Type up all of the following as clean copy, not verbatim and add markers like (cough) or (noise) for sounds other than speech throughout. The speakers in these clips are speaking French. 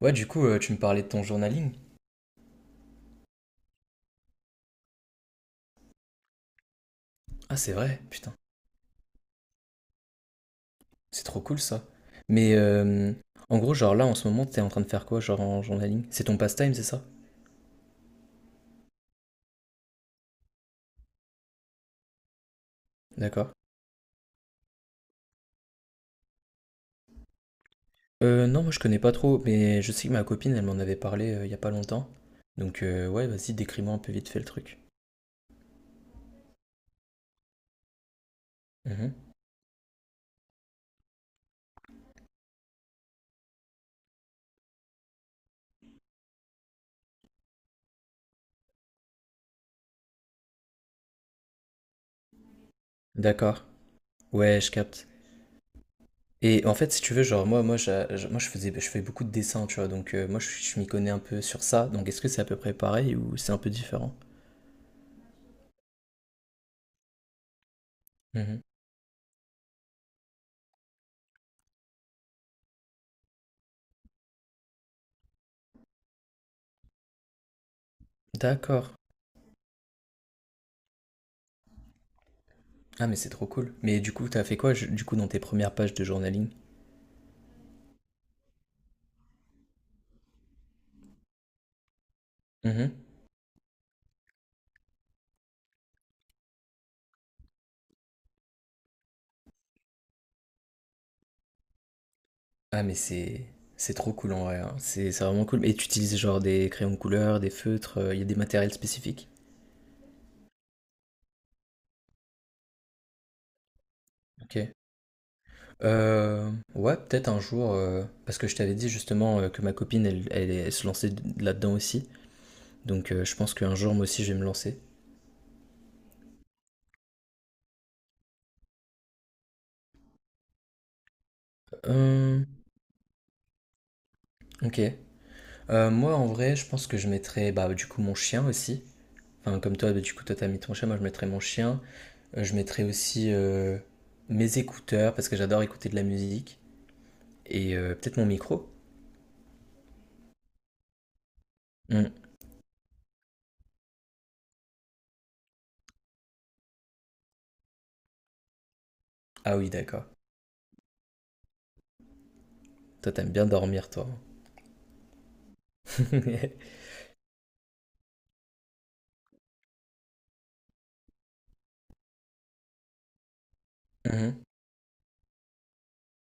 Ouais, du coup, tu me parlais de ton journaling. Ah, c'est vrai, putain, c'est trop cool ça. Mais en gros, genre là, en ce moment, t'es en train de faire quoi, genre en journaling? C'est ton pastime, c'est ça? D'accord. Non, moi je connais pas trop, mais je sais que ma copine, elle m'en avait parlé il y a pas longtemps. Donc, ouais, vas-y, décris-moi un peu vite fait le truc. Mhm. D'accord. Ouais, je capte. Et en fait, si tu veux, genre, moi, je fais beaucoup de dessins, tu vois, donc moi je m'y connais un peu sur ça. Donc, est-ce que c'est à peu près pareil ou c'est un peu différent? Mhm. D'accord. Ah, mais c'est trop cool. Mais du coup, t'as fait quoi, du coup, dans tes premières pages de journaling? Mhm. Ah, mais c'est trop cool en vrai, hein. C'est vraiment cool. Et tu utilises genre des crayons de couleur, des feutres, il y a des matériels spécifiques? Ok. Euh, ouais, peut-être un jour, parce que je t'avais dit justement que ma copine, elle se lançait là-dedans aussi. Donc je pense qu'un jour, moi aussi, je vais me lancer. Euh, ok. Moi, en vrai, je pense que je mettrais bah, du coup mon chien aussi. Enfin, comme toi, bah, du coup, toi, t'as mis ton chien, moi, je mettrais mon chien. Je mettrai aussi mes écouteurs parce que j'adore écouter de la musique et peut-être mon micro. Hmm. Ah oui, d'accord. Toi, t'aimes bien dormir, toi. (laughs) Mhm.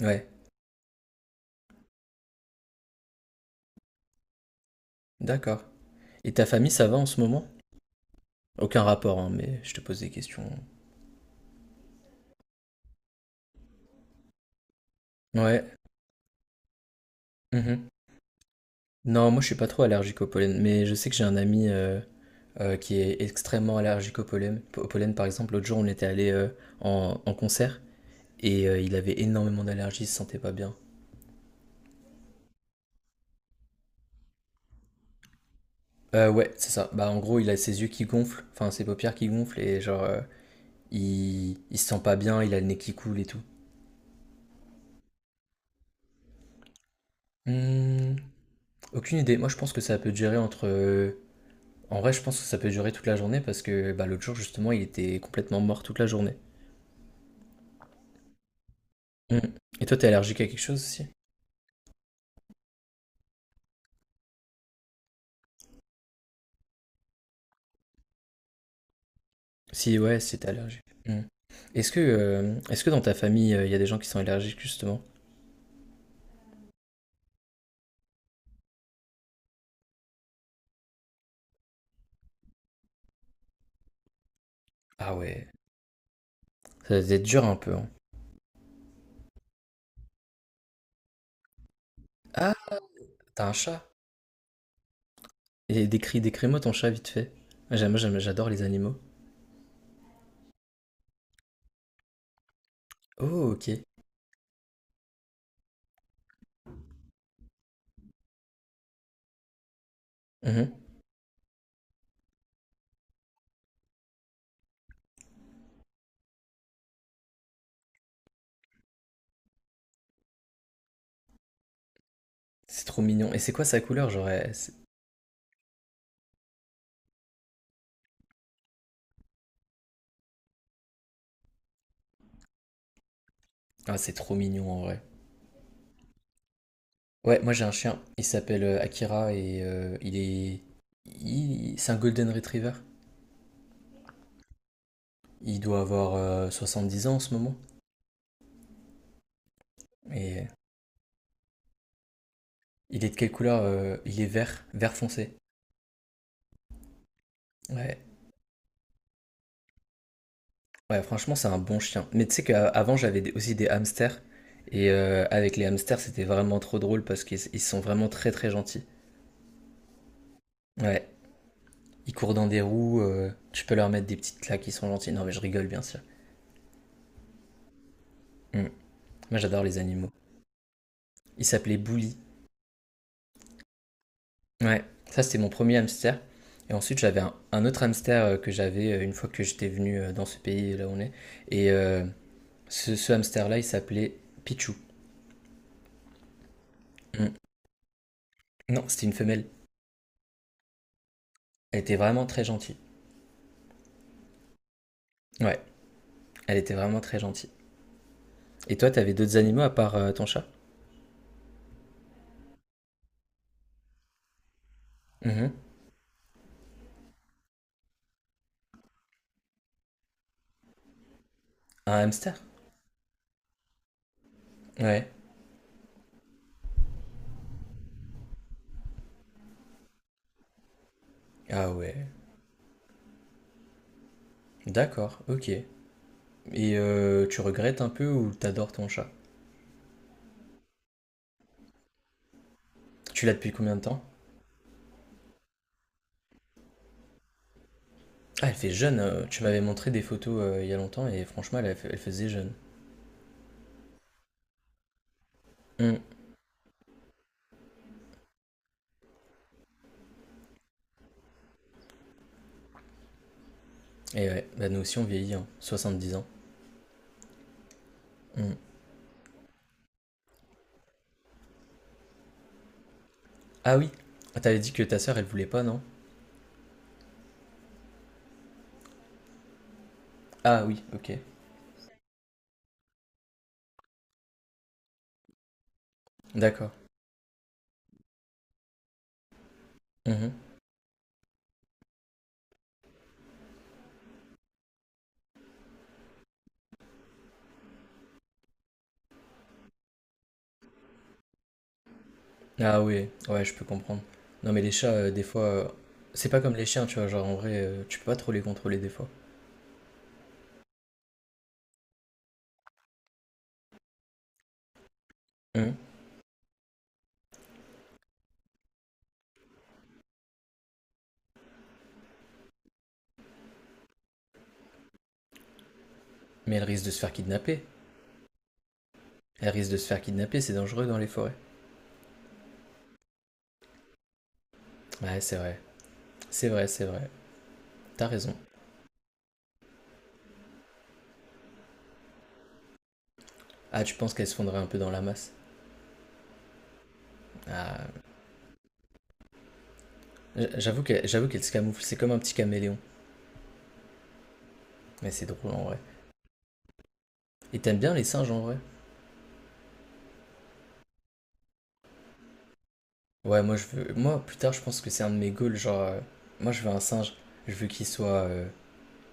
Ouais, d'accord. Et ta famille, ça va en ce moment? Aucun rapport, hein, mais je te pose des questions. Ouais. Mhm. Non, moi, je suis pas trop allergique au pollen, mais je sais que j'ai un ami qui est extrêmement allergique au pollen. Au pollen, par exemple, l'autre jour, on était allé en concert et il avait énormément d'allergies, il se sentait pas bien. Ouais, c'est ça. Bah, en gros, il a ses yeux qui gonflent, enfin ses paupières qui gonflent et genre, il se sent pas bien, il a le nez qui coule et tout. Hmm, aucune idée. Moi, je pense que ça peut durer entre. En vrai, je pense que ça peut durer toute la journée parce que bah, l'autre jour, justement, il était complètement mort toute la journée. Hmm. Et toi, t'es allergique à quelque chose aussi? Si, ouais, si t'es allergique. Hmm. Est-ce que dans ta famille, il y a des gens qui sont allergiques, justement? Ah ouais, ça doit être dur un peu, hein. Ah, t'as un chat. Et décris-moi ton chat vite fait. J'adore les animaux. Oh, ok. Mhm. C'est trop mignon. Et c'est quoi sa couleur? Genre, elle- c'est- ah, c'est trop mignon en vrai. Ouais, moi j'ai un chien. Il s'appelle Akira et il est. C'est un Golden Retriever. Il doit avoir 10 ans en ce moment. Et il est de quelle couleur? Il est vert, vert foncé. Ouais. Ouais, franchement, c'est un bon chien. Mais tu sais qu'avant, j'avais aussi des hamsters. Et avec les hamsters, c'était vraiment trop drôle parce qu'ils sont vraiment très très gentils. Ouais. Ils courent dans des roues, tu peux leur mettre des petites claques, ils sont gentils. Non, mais je rigole, bien sûr. Mm. Moi, j'adore les animaux. Il s'appelait Bully. Ouais, ça, c'était mon premier hamster. Et ensuite, j'avais un autre hamster que j'avais une fois que j'étais venu dans ce pays, là où on est. Et ce hamster-là, il s'appelait Pichou. Mm. Non, c'était une femelle. Elle était vraiment très gentille. Ouais, elle était vraiment très gentille. Et toi, t'avais d'autres animaux à part ton chat? Mhm. Un hamster? Ouais. Ah ouais. D'accord, ok. Et tu regrettes un peu ou t'adores ton chat? Tu l'as depuis combien de temps? Ah, elle fait jeune. Tu m'avais montré des photos il y a longtemps et franchement, elle faisait jeune. Hum. Et ouais, bah nous aussi on vieillit, hein. 70 ans. Hum. Ah oui, Ah, t'avais dit que ta sœur elle voulait pas, non? Ah oui, ok. D'accord. Mhm. Ah oui, ouais, je peux comprendre. Non mais les chats, des fois, c'est pas comme les chiens, tu vois, genre en vrai, tu peux pas trop les contrôler des fois. Hum. Mais elle risque de se faire kidnapper. Elle risque de se faire kidnapper, c'est dangereux dans les forêts. Ouais, c'est vrai. C'est vrai, c'est vrai. T'as raison. Ah, tu penses qu'elle se fondrait un peu dans la masse. Ah, J'avoue qu'elle se camoufle, c'est comme un petit caméléon. Mais c'est drôle en vrai. Et t'aimes bien les singes en vrai? Ouais, moi je veux. Moi plus tard, je pense que c'est un de mes goals. Genre, moi je veux un singe. Je veux qu'il soit, euh,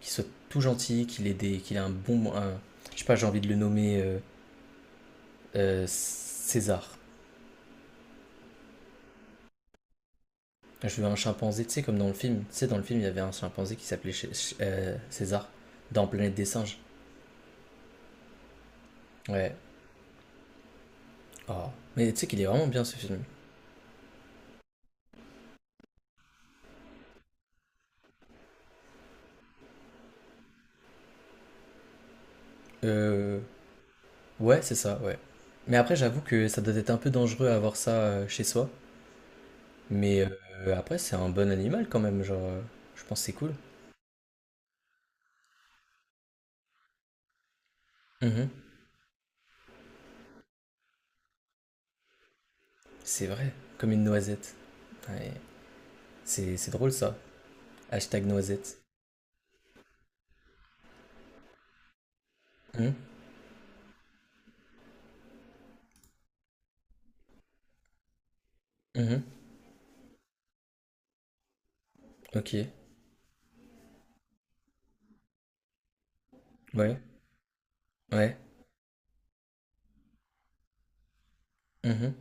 qu'il soit tout gentil, qu'il ait un bon. Un- Je sais pas, j'ai envie de le nommer César. Je veux un chimpanzé, tu sais, comme dans le film. Tu sais, dans le film, il y avait un chimpanzé qui s'appelait César dans Planète des singes. Ouais. Oh. Mais tu sais qu'il est vraiment bien ce film. Euh, Ouais, c'est ça, ouais. Mais après, j'avoue que ça doit être un peu dangereux à avoir ça chez soi. Mais après, c'est un bon animal quand même, genre, je pense que c'est cool. Mhm. C'est vrai, comme une noisette. Ouais, c'est drôle ça. #noisette. Mhm. Mhm. Ok. Ouais. Ouais. Mhm.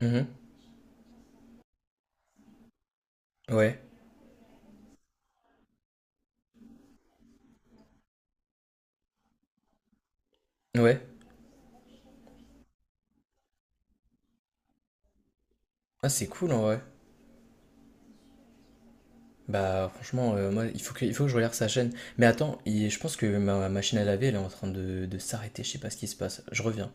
Mhm. Ouais. Ouais. Ah, c'est cool en vrai. Bah, franchement, moi, il faut que je regarde sa chaîne. Mais attends, je pense que ma machine à laver, elle est en train de s'arrêter. Je sais pas ce qui se passe. Je reviens.